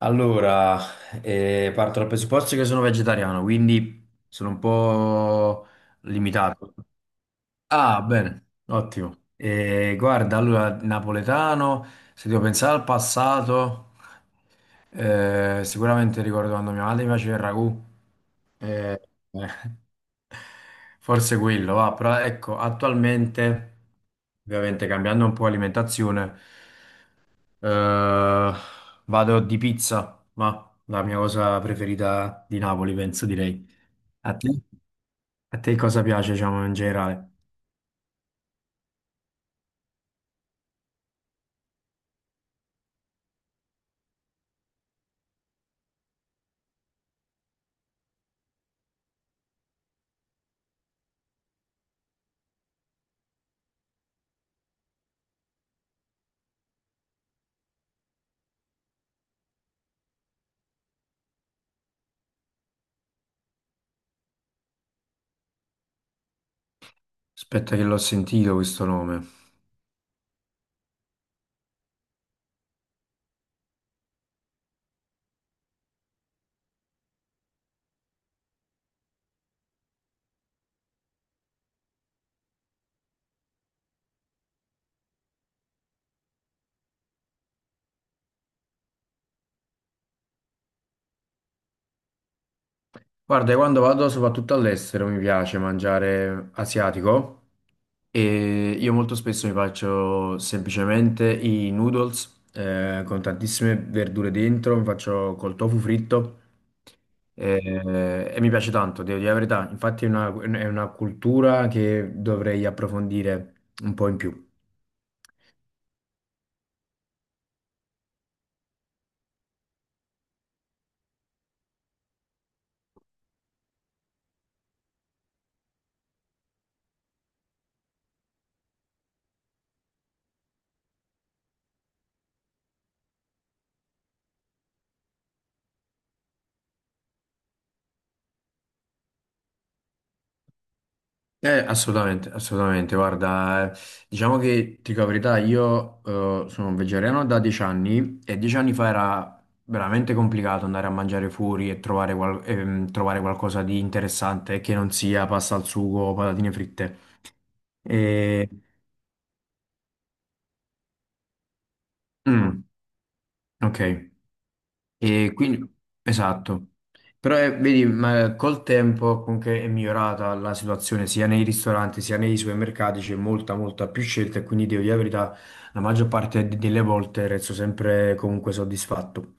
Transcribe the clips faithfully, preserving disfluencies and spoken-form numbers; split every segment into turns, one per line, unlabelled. Allora, eh, parto dal presupposto che sono vegetariano, quindi sono un po' limitato. Ah, bene, ottimo. Eh, guarda, allora, napoletano, se devo pensare al passato, eh, sicuramente ricordo quando mia madre mi faceva il ragù. Eh, eh, forse quello, va, però ecco, attualmente, ovviamente cambiando un po' alimentazione. Eh, vado di pizza, ma la mia cosa preferita di Napoli, penso direi. A te? A te cosa piace, diciamo, in generale? Aspetta che l'ho sentito questo nome. Guarda, io quando vado soprattutto all'estero mi piace mangiare asiatico e io molto spesso mi faccio semplicemente i noodles eh, con tantissime verdure dentro, mi faccio col tofu fritto eh, e mi piace tanto, devo dire la verità. Infatti è una, è una cultura che dovrei approfondire un po' in più. Eh, assolutamente, assolutamente. Guarda, eh, diciamo che ti dico la verità, io eh, sono un vegetariano da dieci anni e dieci anni fa era veramente complicato andare a mangiare fuori e trovare, qual- ehm, trovare qualcosa di interessante che non sia pasta al sugo o patatine fritte. E... Mm, ok. E quindi, esatto. Però eh, vedi, ma col tempo comunque è migliorata la situazione sia nei ristoranti sia nei supermercati, c'è molta, molta più scelta e quindi devo dire la verità, la maggior parte de- delle volte resto sempre comunque soddisfatto.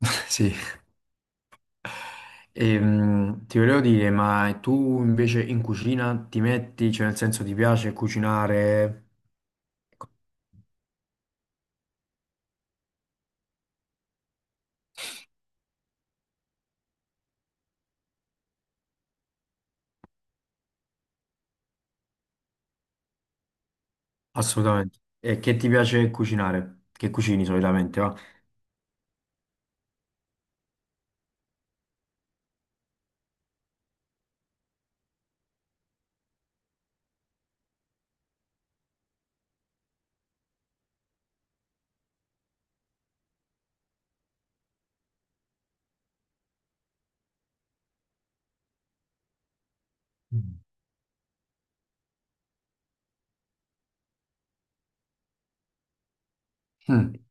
Sì. Ehm, ti volevo dire, ma tu invece in cucina ti metti, cioè nel senso ti piace cucinare? Assolutamente. E che ti piace cucinare? Che cucini solitamente, va? Mm.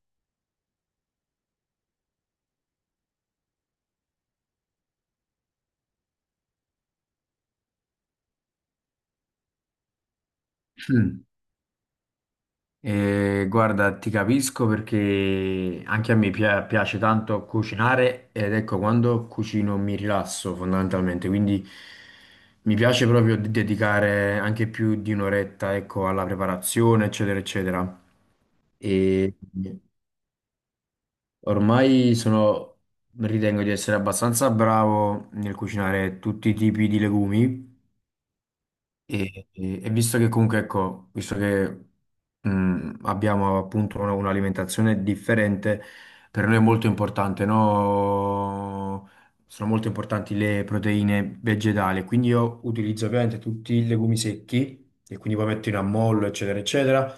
Mm. Eh, guarda, ti capisco perché anche a me pia- piace tanto cucinare ed ecco, quando cucino mi rilasso fondamentalmente, quindi mi piace proprio de- dedicare anche più di un'oretta, ecco, alla preparazione, eccetera, eccetera. E ormai sono, ritengo di essere abbastanza bravo nel cucinare tutti i tipi di legumi, e, e- e visto che comunque, ecco, visto che mh, abbiamo appunto una- un'alimentazione differente, per noi è molto importante, no? Sono molto importanti le proteine vegetali, quindi io utilizzo ovviamente tutti i legumi secchi, e quindi poi metto in ammollo, eccetera, eccetera.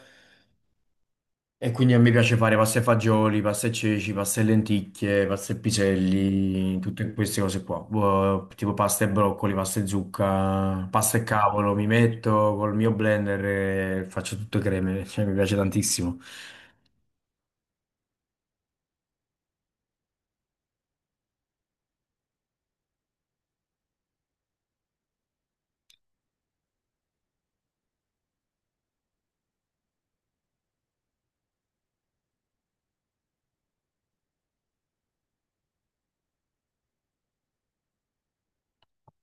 E quindi a me piace fare pasta e fagioli, pasta e ceci, pasta e lenticchie, pasta e piselli, tutte queste cose qua. Boh, tipo pasta e broccoli, pasta e zucca, pasta e cavolo. Mi metto col mio blender e faccio tutte creme, cioè mi piace tantissimo.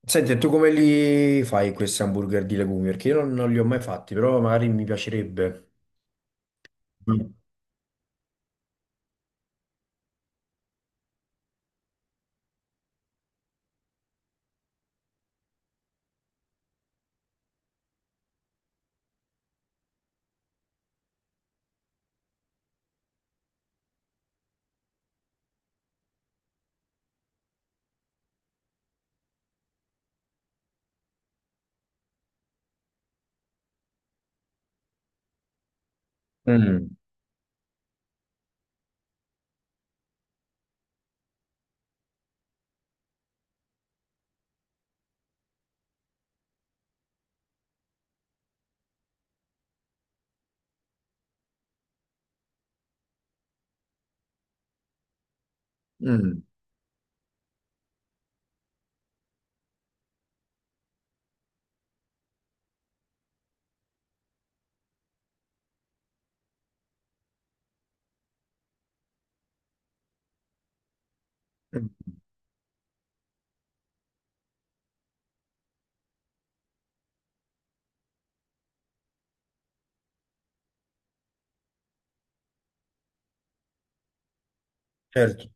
Senti, e tu come li fai questi hamburger di legumi? Perché io non, non li ho mai fatti, però magari mi piacerebbe. Mm. Mm, mm, mm, Certo.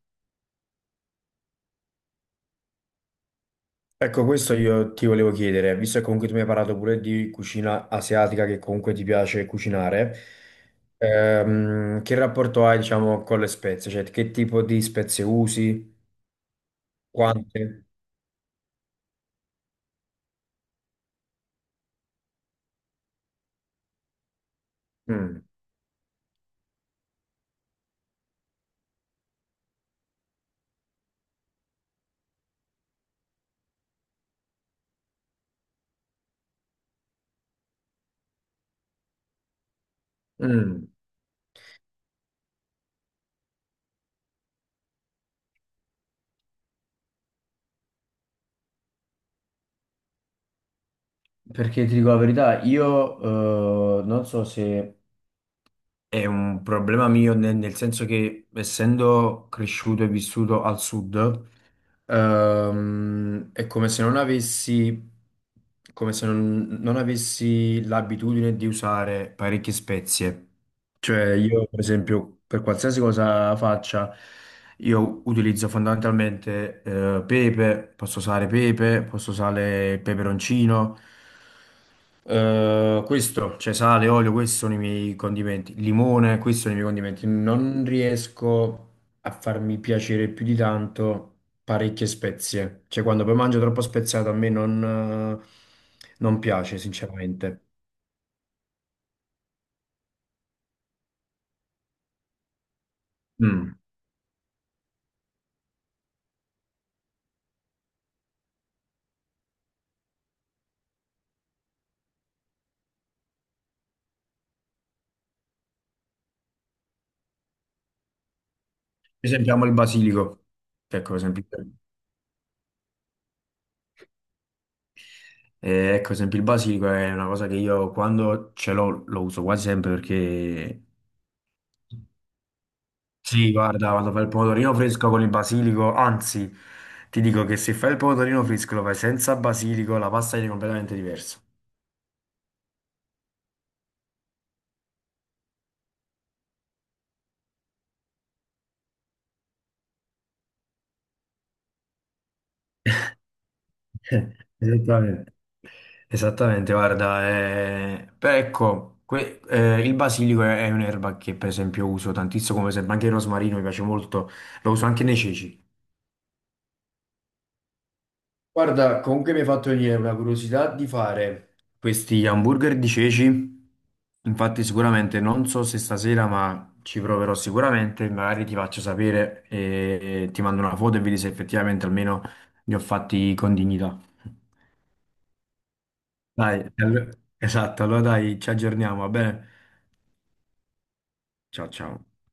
Ecco, questo io ti volevo chiedere, visto che comunque tu mi hai parlato pure di cucina asiatica, che comunque ti piace cucinare, ehm, che rapporto hai, diciamo, con le spezie? Cioè, che tipo di spezie usi? Quante? Mm. Mm. Mm. Perché ti dico la verità, io eh, non so se è un problema mio nel, nel senso che essendo cresciuto e vissuto al sud, ehm, è come se non avessi, come se non, non avessi l'abitudine di usare parecchie spezie. Cioè io, per esempio, per qualsiasi cosa faccia, io utilizzo fondamentalmente eh, pepe, posso usare pepe, posso usare il peperoncino, eh, questo, cioè sale, olio, questi sono i miei condimenti, limone, questi sono i miei condimenti. Non riesco a farmi piacere più di tanto parecchie spezie, cioè quando poi mangio troppo speziato a me non, eh, non piace sinceramente. Mm. Per esempio amo il basilico, ecco per esempio. Eh, ecco, ad esempio il basilico è una cosa che io quando ce l'ho lo uso quasi sempre perché sì, guarda, quando fai il pomodorino fresco con il basilico, anzi, ti dico che se fai il pomodorino fresco lo fai senza basilico, la pasta viene completamente diversa. Eh, esattamente. Esattamente, guarda, eh, però ecco, que- eh, il basilico è, è un'erba che per esempio uso tantissimo, come esempio anche il rosmarino mi piace molto, lo uso anche nei ceci. Guarda, comunque mi hai fatto venire una curiosità di fare questi hamburger di ceci. Infatti, sicuramente non so se stasera, ma ci proverò sicuramente. Magari ti faccio sapere e ti mando una foto e vedi se effettivamente almeno li ho fatti con dignità. Dai, allo- esatto, allora dai, ci aggiorniamo, va bene? Ciao ciao.